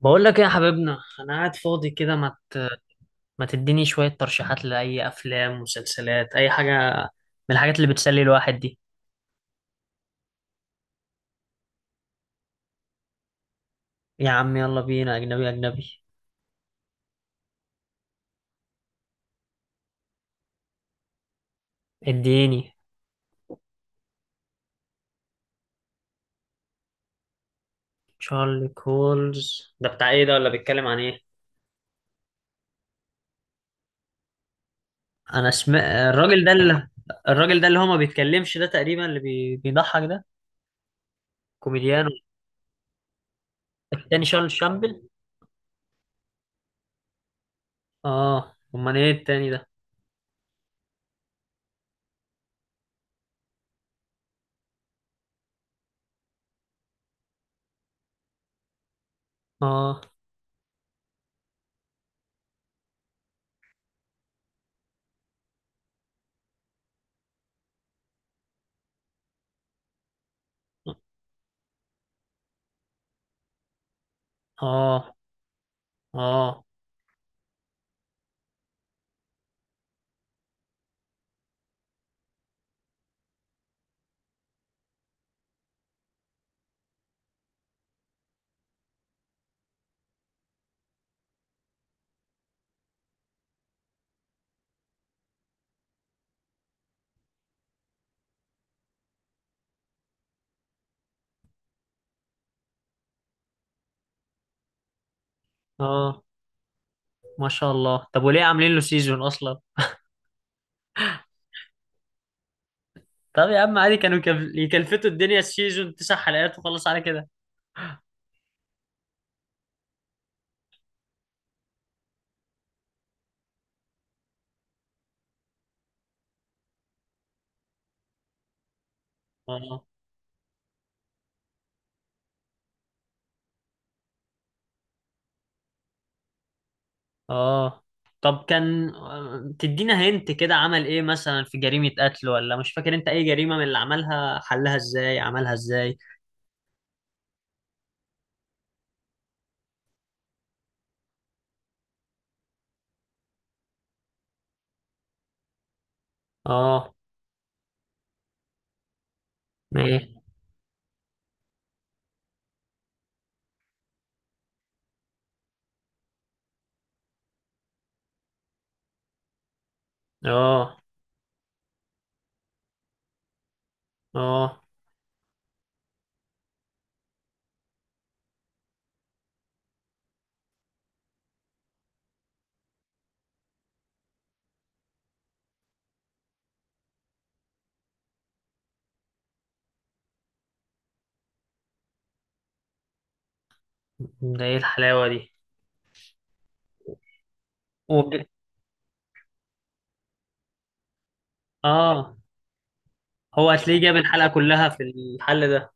بقول لك ايه يا حبيبنا، انا قاعد فاضي كده. ما تديني شوية ترشيحات لأي افلام مسلسلات اي حاجة من الحاجات اللي بتسلي الواحد دي. يا عم يلا بينا، اجنبي اجنبي. اديني. تشارلي كولز ده بتاع ايه؟ ده ولا بيتكلم عن ايه؟ انا سمعت الراجل ده اللي، الراجل ده اللي هو ما بيتكلمش ده، تقريبا اللي بيضحك ده، كوميديان. التاني شارل شامبل. اه، امال ايه التاني ده؟ اه. اه. اه. اه. ما شاء الله. طب وليه عاملين له سيزون اصلا؟ طب يا عم عادي، كانوا يكلفتوا الدنيا السيزون 9 حلقات وخلص على كده. اه. اه. طب كان، تدينا هنت كده عمل ايه مثلا في جريمة قتل، ولا مش فاكر انت اي جريمة من اللي عملها؟ حلها ازاي، عملها ازاي؟ اه. ايه. اه. اه. ده ايه الحلاوة دي؟ وج- اه. هو هتلاقيه جاب الحلقة كلها في الحل ده.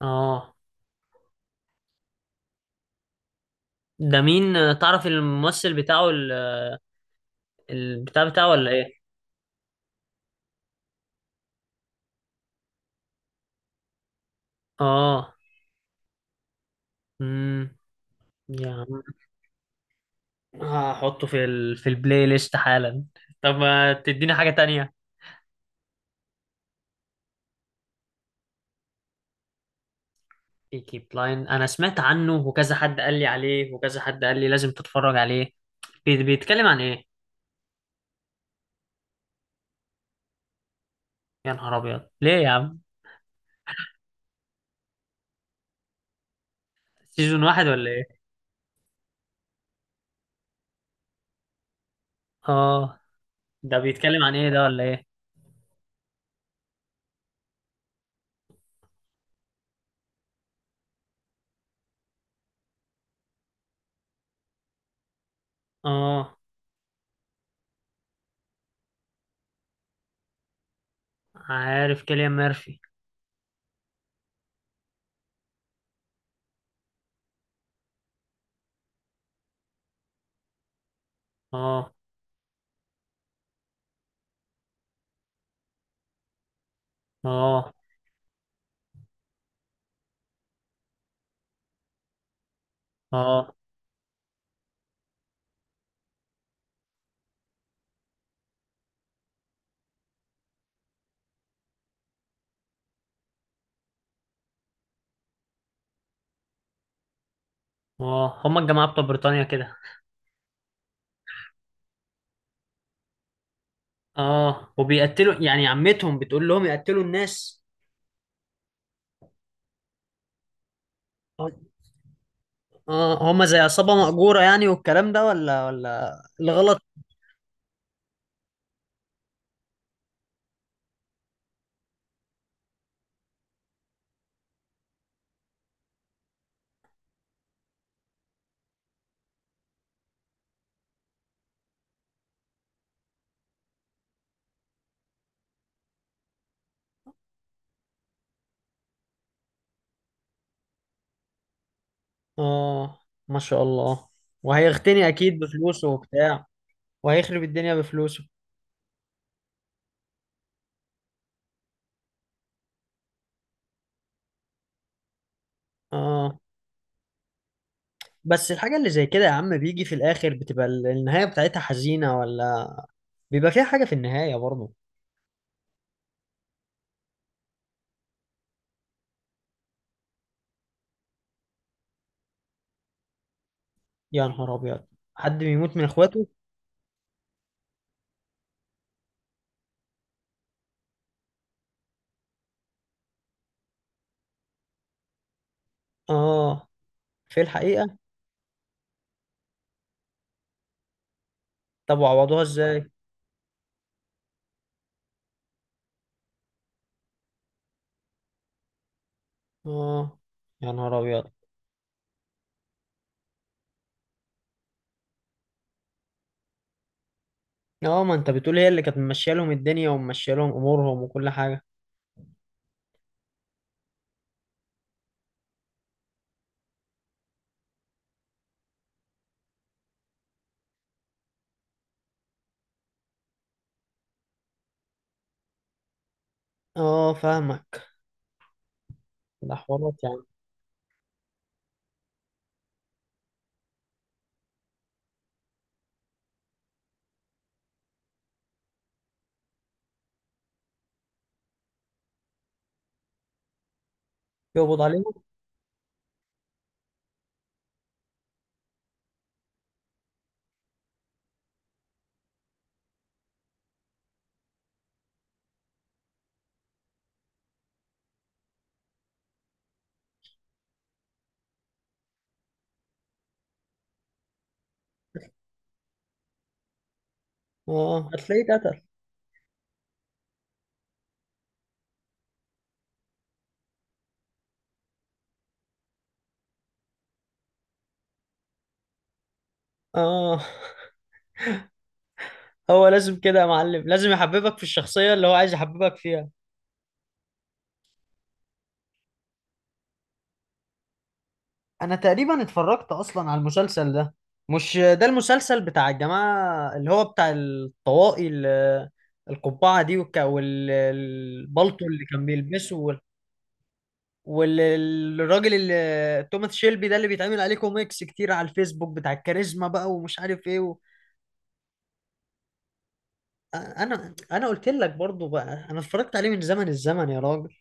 اه، ده مين؟ تعرف الممثل بتاعه، البتاع بتاعه ولا ايه؟ اه. امم يا عم هحطه في في البلاي ليست حالا. طب ما تديني حاجة تانية. بيكي بلاين، انا سمعت عنه وكذا حد قال لي عليه، وكذا حد قال لي لازم تتفرج عليه. بيتكلم عن ايه؟ يا نهار ابيض، ليه يا عم؟ سيزون واحد ولا ايه؟ اه. ده بيتكلم عن ايه، ده ولا ايه؟ اه، عارف كيليان ميرفي. اه. اه. اه. اه هما الجماعة بتوع بريطانيا كده. اه، وبيقتلوا يعني عمتهم بتقول لهم يقتلوا الناس؟ اه هما زي عصابة مأجورة يعني، والكلام ده، ولا الغلط؟ اه. ما شاء الله. وهيغتني اكيد بفلوسه وبتاع. وهيخرب الدنيا بفلوسه. اه. بس الحاجة اللي زي كده يا عم بيجي في الاخر، بتبقى النهاية بتاعتها حزينة، ولا بيبقى فيها حاجة في النهاية برضه؟ يا نهار ابيض. حد بيموت من اخواته. اه. في الحقيقة. طب وعوضوها ازاي؟ اه. يا نهار ابيض. اه ما انت بتقول هي اللي كانت ممشيه لهم الدنيا وممشيه لهم امورهم وكل حاجة. اه فاهمك. ده حوارات يعني. يقبض عليه. اه هتلاقيه اتقتل. اه. هو لازم كده يا معلم، لازم يحببك في الشخصية اللي هو عايز يحببك فيها. انا تقريبا اتفرجت اصلا على المسلسل ده. مش ده المسلسل بتاع الجماعة اللي هو بتاع الطواقي، القبعة دي، والبلطو اللي كان بيلبسه، والراجل اللي توماس شيلبي ده اللي بيتعمل عليه كوميكس كتير على الفيسبوك، بتاع الكاريزما بقى ومش عارف ايه. انا قلت لك برضو بقى. انا اتفرجت عليه من زمن الزمن يا راجل.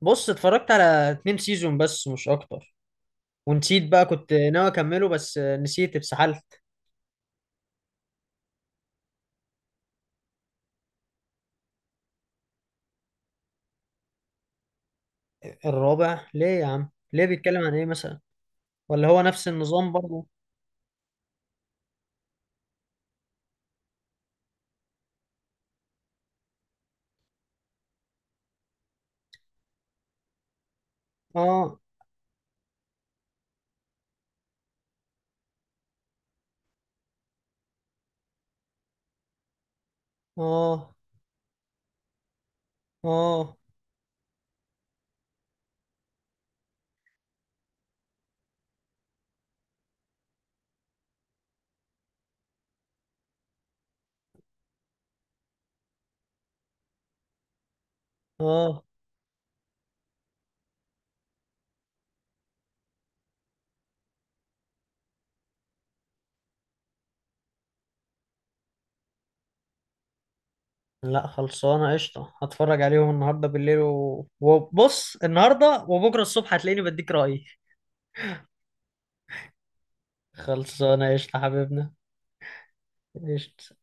بص، اتفرجت على 2 سيزون بس مش اكتر. ونسيت بقى، كنت ناوي اكمله بس نسيت، اتسحلت. الرابع ليه يا عم؟ ليه بيتكلم عن ايه مثلا؟ ولا هو نفس النظام برضو؟ اه. اه. اه. اه. لا خلصانه قشطه، هتفرج عليهم النهارده بالليل، وبص، النهارده وبكره الصبح هتلاقيني بديك رأيي. خلصانه قشطه حبيبنا. قشطه.